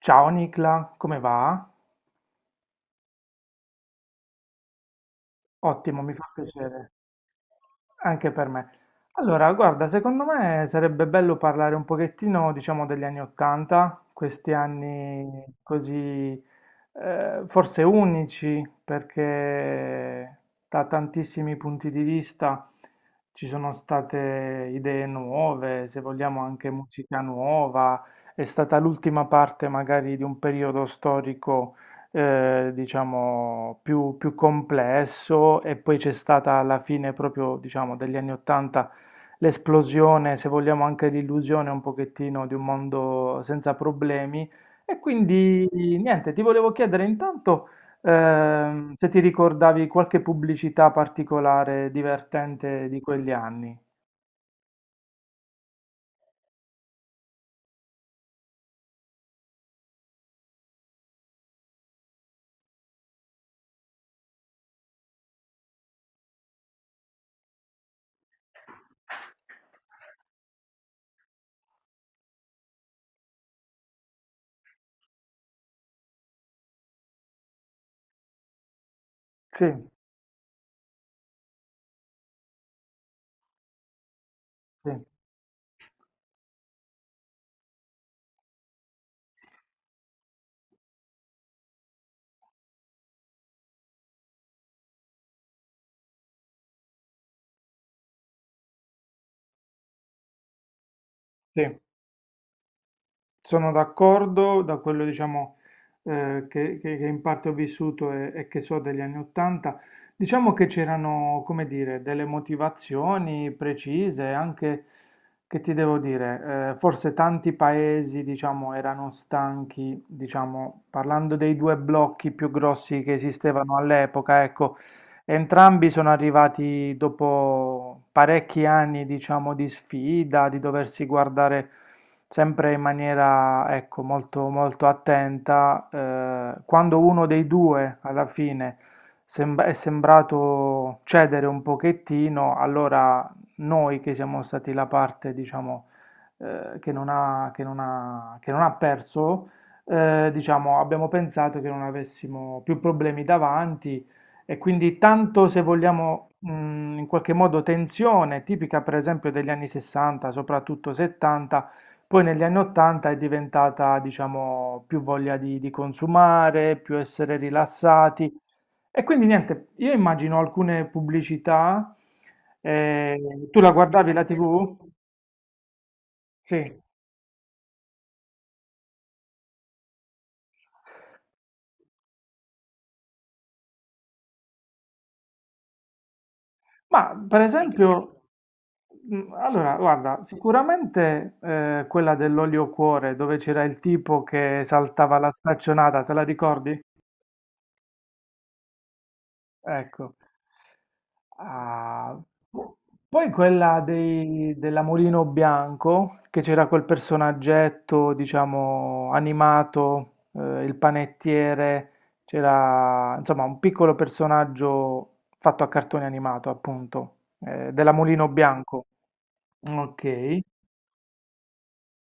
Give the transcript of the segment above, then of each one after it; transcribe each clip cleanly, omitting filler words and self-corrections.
Ciao Nicla, come va? Ottimo, mi fa piacere, anche per me. Allora, guarda, secondo me sarebbe bello parlare un pochettino, diciamo, degli anni Ottanta, questi anni così, forse unici, perché da tantissimi punti di vista ci sono state idee nuove, se vogliamo anche musica nuova, è stata l'ultima parte magari di un periodo storico, diciamo, più complesso. E poi c'è stata alla fine proprio, diciamo, degli anni 80 l'esplosione, se vogliamo anche l'illusione un pochettino di un mondo senza problemi. E quindi niente, ti volevo chiedere intanto se ti ricordavi qualche pubblicità particolare divertente di quegli anni. Sì, sì, sì. Sono d'accordo. Da quello, diciamo, che in parte ho vissuto, e che so degli anni Ottanta, diciamo che c'erano, come dire, delle motivazioni precise, anche, che ti devo dire, forse tanti paesi, diciamo, erano stanchi, diciamo, parlando dei due blocchi più grossi che esistevano all'epoca, ecco, entrambi sono arrivati dopo parecchi anni, diciamo, di sfida, di doversi guardare sempre in maniera, ecco, molto, molto attenta. Quando uno dei due alla fine è sembrato cedere un pochettino, allora noi che siamo stati la parte, diciamo, che non ha, che non ha, che non ha perso, diciamo, abbiamo pensato che non avessimo più problemi davanti. E quindi, tanto se vogliamo, in qualche modo, tensione, tipica per esempio degli anni 60, soprattutto 70, poi negli anni 80 è diventata, diciamo, più voglia di consumare, più essere rilassati. E quindi niente, io immagino alcune pubblicità, eh, tu la guardavi la TV? Sì, ma per esempio, allora guarda, sicuramente quella dell'olio cuore dove c'era il tipo che saltava la staccionata, te la ricordi? Ecco. Ah, boh. Poi quella dei, della Mulino Bianco, che c'era quel personaggetto, diciamo, animato, il panettiere, c'era, insomma, un piccolo personaggio fatto a cartone animato, appunto, della Mulino Bianco. Ok.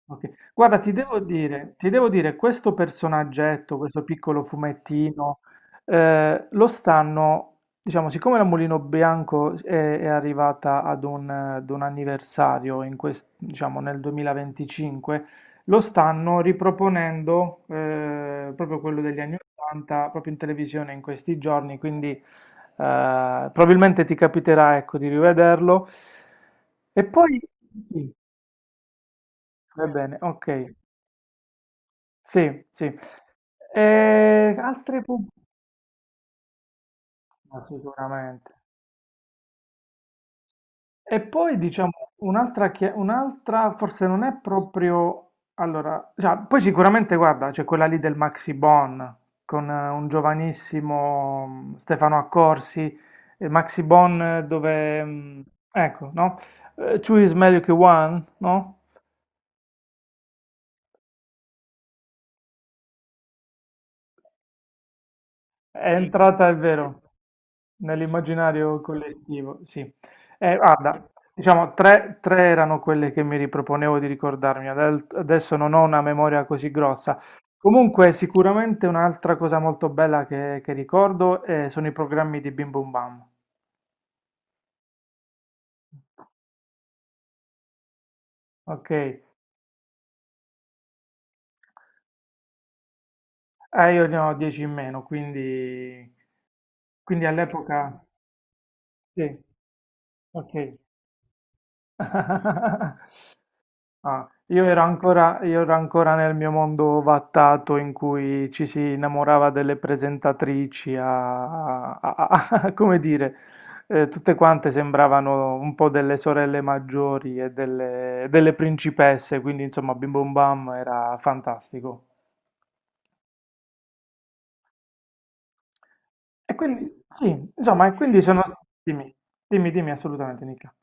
Ok. Guarda, ti devo dire, questo personaggetto, questo piccolo fumettino, lo stanno, diciamo, siccome la Mulino Bianco è arrivata ad un anniversario in diciamo, nel 2025, lo stanno riproponendo, proprio quello degli anni 80, proprio in televisione in questi giorni, quindi probabilmente ti capiterà, ecco, di rivederlo. E poi, sì, va bene, ok. Sì, sì. E altre pubblicità sicuramente. E poi diciamo un'altra, un'altra forse non è proprio... Allora, cioè, poi sicuramente guarda, c'è quella lì del Maxi Bon con un giovanissimo Stefano Accorsi, e Maxi Bon dove... ecco, no? Two is meglio che one, no? È entrata, è vero, nell'immaginario collettivo, sì. Guarda, diciamo, tre erano quelle che mi riproponevo di ricordarmi, adesso non ho una memoria così grossa. Comunque, sicuramente un'altra cosa molto bella che ricordo, sono i programmi di Bim Bum Bam, ok? Io ne ho 10 in meno, quindi, quindi all'epoca... Sì, ok. Ah, io ero ancora nel mio mondo vattato in cui ci si innamorava delle presentatrici, come dire, tutte quante sembravano un po' delle sorelle maggiori e delle, delle principesse, quindi insomma Bim Bum Bam era fantastico. E quindi, sì, insomma, e quindi sono... Dimmi, dimmi, dimmi assolutamente, Nicca.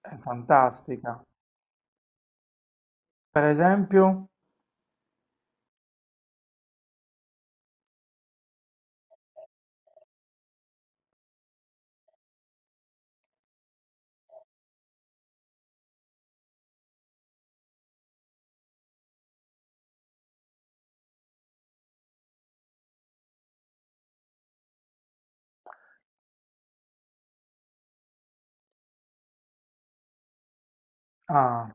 È fantastica. Per esempio... Ah,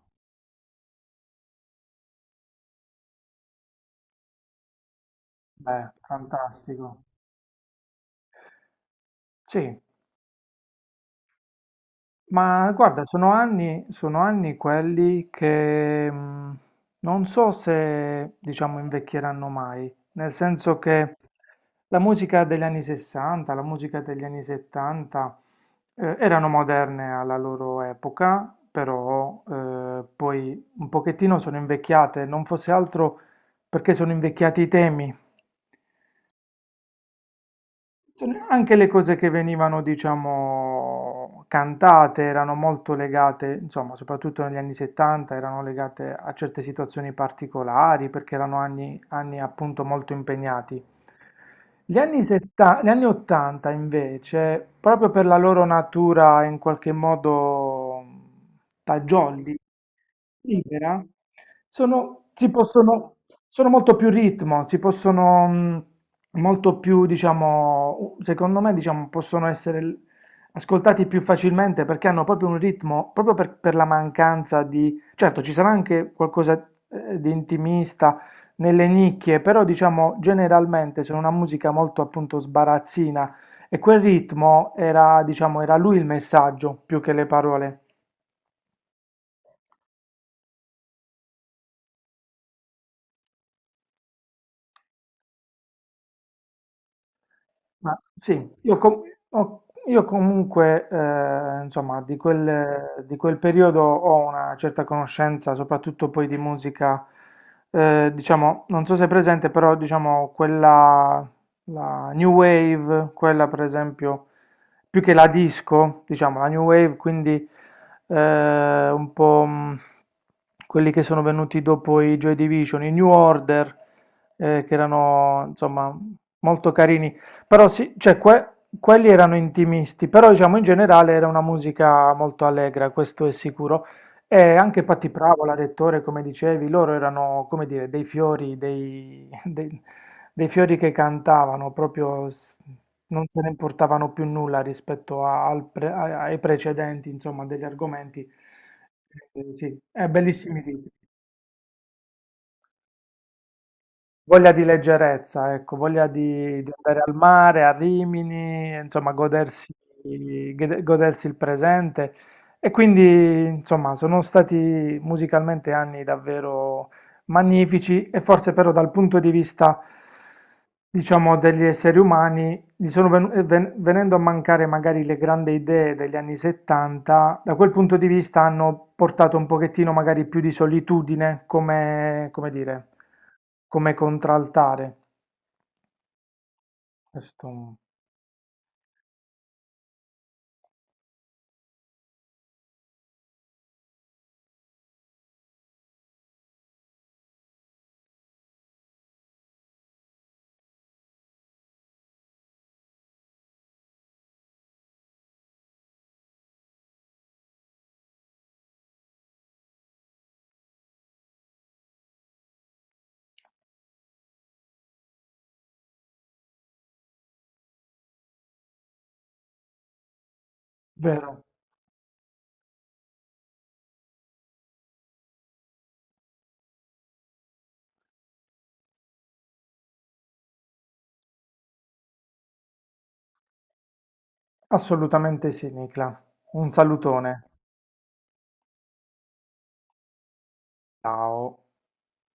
beh, fantastico. Sì. Ma guarda, sono anni quelli che non so se, diciamo, invecchieranno mai, nel senso che la musica degli anni 60, la musica degli anni 70 erano moderne alla loro epoca, però poi un pochettino sono invecchiate, non fosse altro perché sono invecchiati i temi. Insomma, anche le cose che venivano, diciamo, cantate erano molto legate, insomma, soprattutto negli anni 70, erano legate a certe situazioni particolari perché erano anni appunto molto impegnati. Gli anni 70, gli anni 80 invece, proprio per la loro natura in qualche modo fagioli, libera? Sono si possono sono molto più ritmo, si possono molto più diciamo u secondo me, diciamo, possono essere l ascoltati più facilmente perché hanno proprio un ritmo proprio per la mancanza di certo ci sarà anche qualcosa, di intimista nelle nicchie, però diciamo generalmente sono una musica molto appunto sbarazzina e quel ritmo era diciamo era lui il messaggio più che le parole. Ma sì, io, com- io comunque, insomma, di quel periodo ho una certa conoscenza, soprattutto poi di musica, diciamo, non so se è presente, però diciamo quella, la New Wave, quella per esempio, più che la disco, diciamo, la New Wave, quindi un po' quelli che sono venuti dopo i Joy Division, i New Order, che erano, insomma, molto carini. Però sì, cioè quelli erano intimisti, però diciamo in generale era una musica molto allegra, questo è sicuro. E anche Patti Pravola, Rettore, come dicevi, loro erano, come dire, dei fiori, dei, dei fiori che cantavano, proprio non se ne importavano più nulla rispetto al ai precedenti, insomma, degli argomenti. Eh sì, è bellissimi titoli. Voglia di leggerezza, ecco, voglia di andare al mare, a Rimini, insomma, godersi, godersi il presente. E quindi, insomma, sono stati musicalmente anni davvero magnifici, e forse però dal punto di vista, diciamo, degli esseri umani, gli sono venendo a mancare magari le grandi idee degli anni 70, da quel punto di vista hanno portato un pochettino magari più di solitudine come, come dire, come contraltare. Questo vero? Assolutamente sì, Nicla. Un salutone. Ciao.